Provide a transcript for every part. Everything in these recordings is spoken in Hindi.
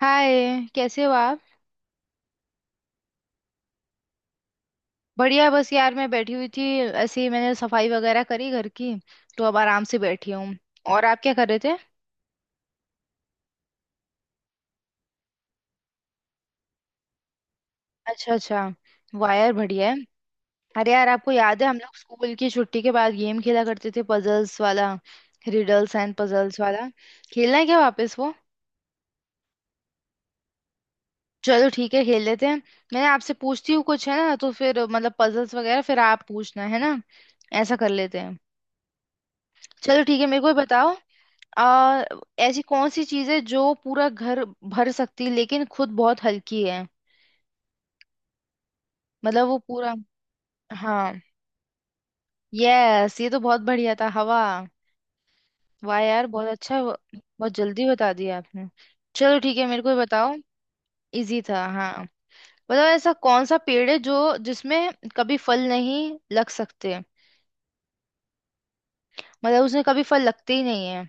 हाय, कैसे हो आप? बढ़िया, बस यार मैं बैठी हुई थी। ऐसे ही मैंने सफाई वगैरह करी घर की, तो अब आराम से बैठी हूँ। और आप क्या कर रहे थे? अच्छा अच्छा, वायर बढ़िया है। अरे यार, आपको याद है हम लोग स्कूल की छुट्टी के बाद गेम खेला करते थे, पजल्स वाला? रिडल्स एंड पजल्स वाला? खेलना है क्या वापस वो? चलो ठीक है, खेल लेते हैं। मैं आपसे पूछती हूँ कुछ, है ना? तो फिर पजल्स वगैरह फिर आप पूछना, है ना? ऐसा कर लेते हैं। चलो ठीक है, मेरे को भी बताओ। आ, ऐसी कौन सी चीज है जो पूरा घर भर सकती है लेकिन खुद बहुत हल्की है? वो पूरा। हाँ। यस, ये तो बहुत बढ़िया था, हवा। वाह यार, बहुत अच्छा, बहुत जल्दी बता दिया आपने। चलो ठीक है, मेरे को भी बताओ। इजी था, हाँ। बताओ, ऐसा कौन सा पेड़ है जो जिसमें कभी फल नहीं लग सकते? उसमें कभी फल लगते ही नहीं है।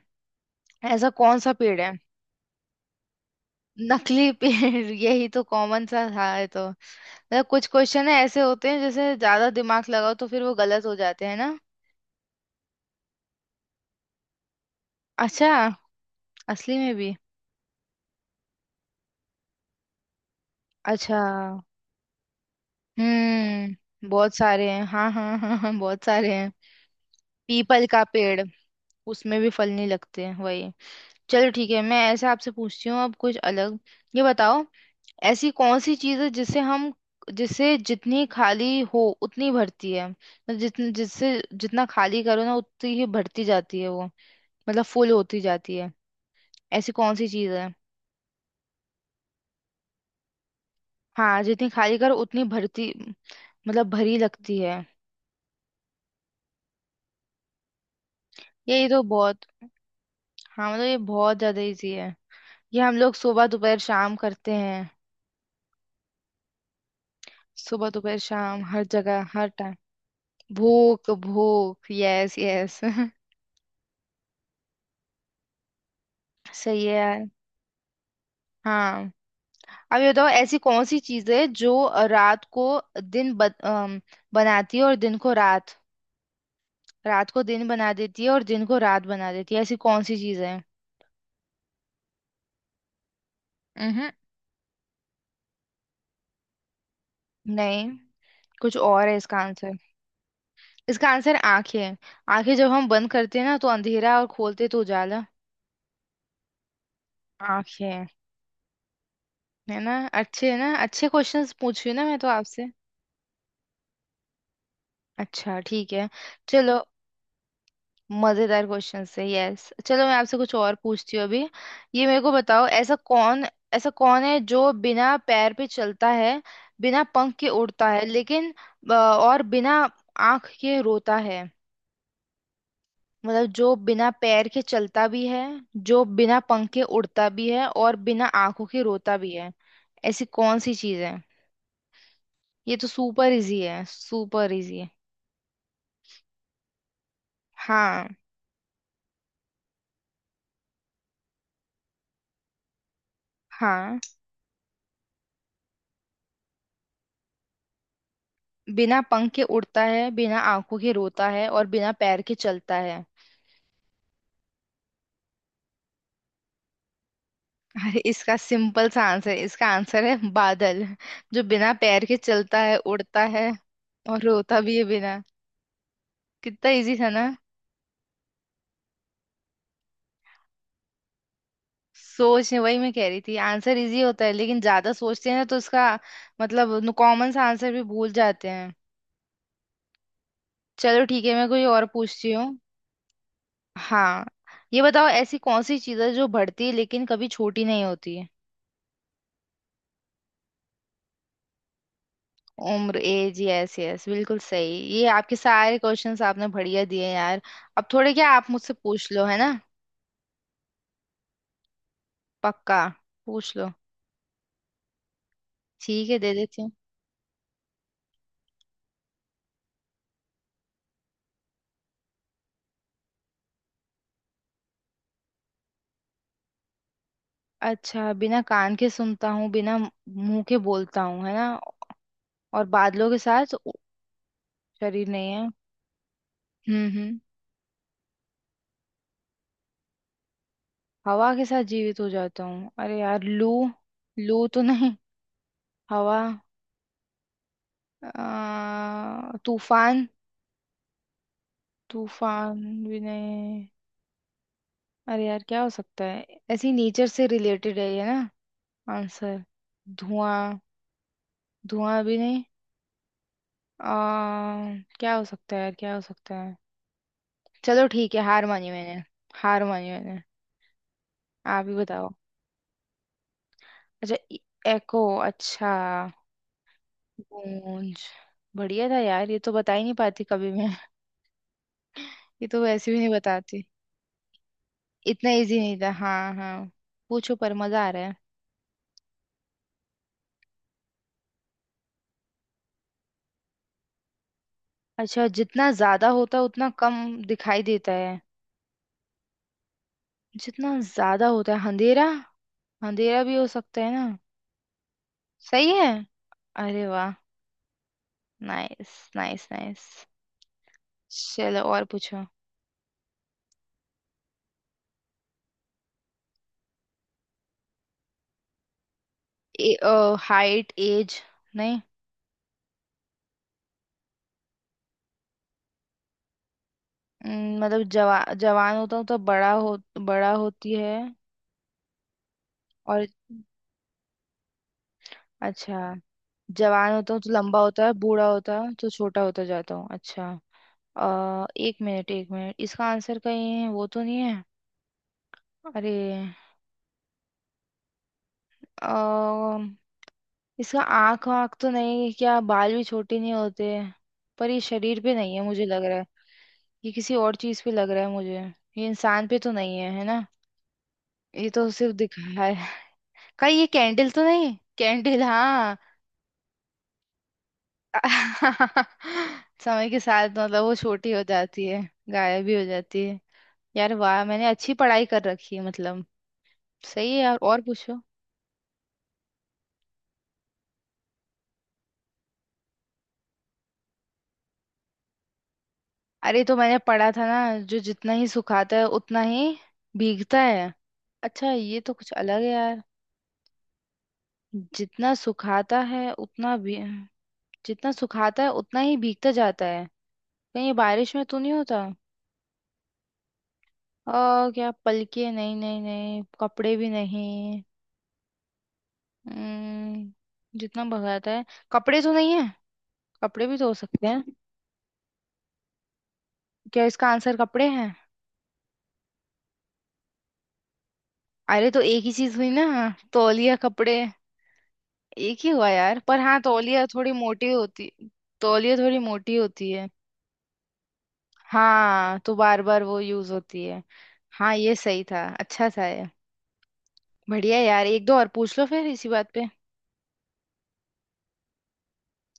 ऐसा कौन सा पेड़ है? नकली पेड़? यही तो कॉमन सा था ये तो। कुछ क्वेश्चन है ऐसे होते हैं जैसे ज्यादा दिमाग लगाओ तो फिर वो गलत हो जाते हैं ना। अच्छा, असली में भी? अच्छा। हम्म, बहुत सारे हैं, हाँ हाँ हाँ हाँ हाँ, बहुत सारे हैं। पीपल का पेड़, उसमें भी फल नहीं लगते हैं, वही। चलो ठीक है, मैं ऐसे आपसे पूछती हूँ अब कुछ अलग। ये बताओ, ऐसी कौन सी चीज़ है जिसे हम जिसे जितनी खाली हो उतनी भरती है? मतलब जितन जिससे जितना खाली करो ना, उतनी ही भरती जाती है वो। फुल होती जाती है। ऐसी कौन सी चीज़ है? हाँ, जितनी खाली करो उतनी भरती। भरी लगती है। यही तो बहुत। हाँ, ये बहुत ज्यादा इजी है। ये हम लोग सुबह दोपहर शाम करते हैं। सुबह दोपहर शाम, हर जगह हर टाइम। भूख भूख, यस यस। सही है यार। हाँ। अब ये बताओ, ऐसी कौन सी चीज है जो रात को दिन ब, अम, बनाती है और दिन को रात? रात को दिन बना देती है और दिन को रात बना देती है, ऐसी कौन सी चीज है? हम्म, नहीं। कुछ और है इसका आंसर। इसका आंसर आंखें है। आंखें, जब हम बंद करते हैं ना तो अंधेरा, और खोलते हैं तो उजाला। आंखें। है ना? अच्छे है ना, अच्छे क्वेश्चंस पूछ रही हूँ ना मैं तो आपसे। अच्छा ठीक है। चलो, मजेदार क्वेश्चन है, यस। चलो, मैं आपसे कुछ और पूछती हूँ अभी। ये मेरे को बताओ, ऐसा कौन? ऐसा कौन है जो बिना पैर पे चलता है, बिना पंख के उड़ता है, लेकिन और बिना आंख के रोता है? जो बिना पैर के चलता भी है, जो बिना पंख के उड़ता भी है, और बिना आंखों के रोता भी है। ऐसी कौन सी चीज है? ये तो सुपर इजी है, सुपर इजी है। हाँ। हाँ, बिना पंख के उड़ता है, बिना आंखों के रोता है, और बिना पैर के चलता है। अरे, इसका सिंपल सा आंसर, इसका आंसर है बादल। जो बिना पैर के चलता है, उड़ता है, और रोता भी है बिना। कितना इजी था ना। सोच, वही मैं कह रही थी, आंसर इजी होता है लेकिन ज्यादा सोचते हैं ना तो इसका कॉमन सा आंसर भी भूल जाते हैं। चलो ठीक है, मैं कोई और पूछती हूँ। हाँ, ये बताओ, ऐसी कौन सी चीज़ है जो बढ़ती है लेकिन कभी छोटी नहीं होती है? उम्र, एज, यस यस, बिल्कुल सही। ये आपके सारे क्वेश्चंस आपने बढ़िया दिए हैं यार। अब थोड़े क्या आप मुझसे पूछ लो, है ना? पक्का। पूछ लो। ठीक है, दे देती हूँ। अच्छा, बिना कान के सुनता हूँ, बिना मुंह के बोलता हूँ, है ना? और बादलों के साथ। शरीर नहीं है। हम्म। हवा के साथ जीवित हो जाता हूँ। अरे यार, लू? लू तो नहीं। हवा। तूफान? तूफान भी नहीं। अरे यार, क्या हो सकता है? ऐसी नेचर से रिलेटेड है ये ना, आंसर? धुआं? धुआं भी नहीं। आ, क्या हो सकता है यार, क्या हो सकता है? चलो ठीक है, हार मानी मैंने। हार मानी मैंने। आप ही बताओ। अच्छा, एको, अच्छा। पूंछ। बढ़िया था यार, ये तो बता ही नहीं पाती कभी मैं। ये तो वैसे भी नहीं बताती। इतना इजी नहीं था, हाँ हाँ। पूछो, पर मजा आ रहा है। अच्छा, जितना ज्यादा होता है उतना कम दिखाई देता है। जितना ज्यादा होता है अंधेरा, अंधेरा भी हो सकता है ना। सही है। अरे वाह, नाइस नाइस नाइस। चलो, और पूछो। ए, हाइट एज? नहीं। अम, मतलब जवा जवान होता हूँ तो बड़ा हो, बड़ा होती है और। अच्छा, जवान होता हूँ तो लंबा होता है, बूढ़ा होता है तो छोटा होता जाता हूँ, अच्छा। अ, एक मिनट एक मिनट, इसका आंसर कहीं वो तो नहीं है? अरे। अ, इसका आँख वाँख तो नहीं है? क्या बाल भी छोटे नहीं होते? पर ये शरीर पे नहीं है मुझे लग रहा है। ये किसी और चीज पे लग रहा है मुझे। ये इंसान पे तो नहीं है, है ना? ये तो सिर्फ दिखाया है। कहीं ये कैंडल तो नहीं? कैंडल, हाँ। समय के साथ वो छोटी हो जाती है, गायब भी हो जाती है। यार वाह, मैंने अच्छी पढ़ाई कर रखी है मतलब। सही है यार, और पूछो। अरे, तो मैंने पढ़ा था ना, जो जितना ही सुखाता है उतना ही भीगता है। अच्छा, ये तो कुछ अलग है यार। जितना सुखाता है उतना भी, जितना सुखाता है उतना ही भीगता जाता है। कहीं ये बारिश में तो नहीं होता? क्या पलके? नहीं नहीं नहीं, कपड़े भी नहीं। हम्म, जितना भगाता है। कपड़े तो नहीं है। कपड़े भी धो सकते हैं। क्या इसका आंसर कपड़े हैं? अरे तो एक ही चीज हुई ना, हाँ, तौलिया कपड़े एक ही हुआ यार। पर हाँ, तौलिया थोड़ी मोटी होती। तौलिया थोड़ी मोटी होती है। हाँ, तो बार बार वो यूज होती है। हाँ, ये सही था, अच्छा था ये। बढ़िया यार, एक दो और पूछ लो फिर इसी बात पे।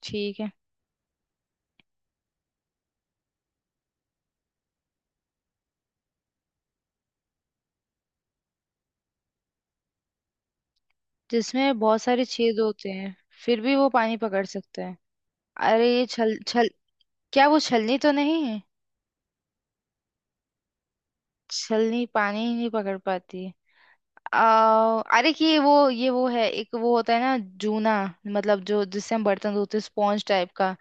ठीक है। जिसमें बहुत सारे छेद होते हैं, फिर भी वो पानी पकड़ सकते हैं? अरे, ये छल छल क्या वो छलनी तो नहीं? छलनी पानी ही नहीं पकड़ पाती। अरे कि ये वो, ये वो है, एक वो होता है ना, जूना, जो जिससे हम बर्तन धोते हैं, स्पॉन्ज टाइप का,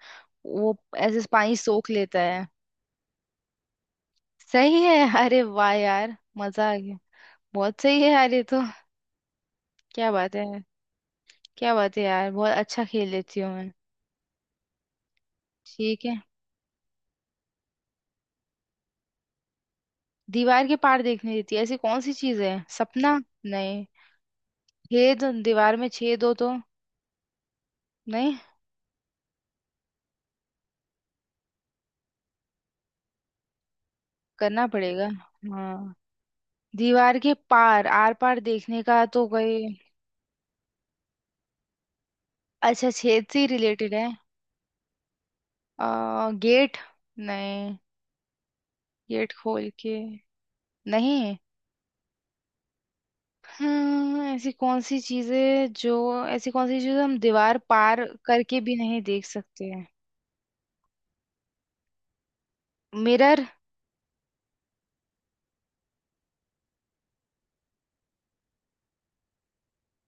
वो ऐसे पानी सोख लेता है। सही है। अरे वाह यार, मजा आ गया। बहुत सही है यार ये तो। क्या बात है, क्या बात है यार, बहुत अच्छा खेल लेती हूँ मैं। ठीक है। दीवार के पार देखने देती है, ऐसी कौन सी चीज है? सपना? नहीं। छेद, दीवार में छेद हो तो? नहीं, करना पड़ेगा। हाँ। दीवार के पार आर पार देखने का तो कोई। अच्छा, छेद से रिलेटेड है? गेट? नहीं, गेट खोल के। नहीं। हम्म, ऐसी कौन सी चीजें जो, ऐसी कौन सी चीजें हम दीवार पार करके भी नहीं देख सकते हैं? मिरर?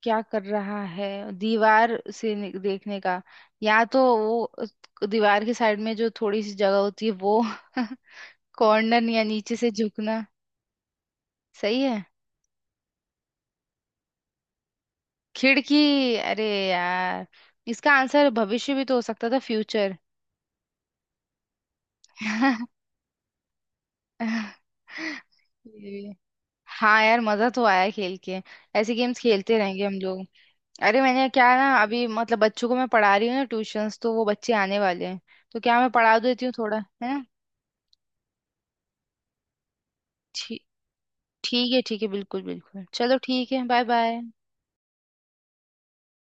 क्या कर रहा है दीवार से देखने का? या तो वो दीवार के साइड में जो थोड़ी सी जगह होती है वो कॉर्नर, या नीचे से झुकना। सही है। खिड़की? अरे यार। इसका आंसर भविष्य भी तो हो सकता था, फ्यूचर। हाँ यार, मजा तो आया खेल के। ऐसे गेम्स खेलते रहेंगे हम लोग। अरे मैंने क्या ना, अभी बच्चों को मैं पढ़ा रही हूँ ना, ट्यूशंस, तो वो बच्चे आने वाले हैं, तो क्या मैं पढ़ा देती हूँ थोड़ा, है ना? ठी- ठीक है ठीक है, बिल्कुल बिल्कुल, चलो ठीक है, बाय बाय।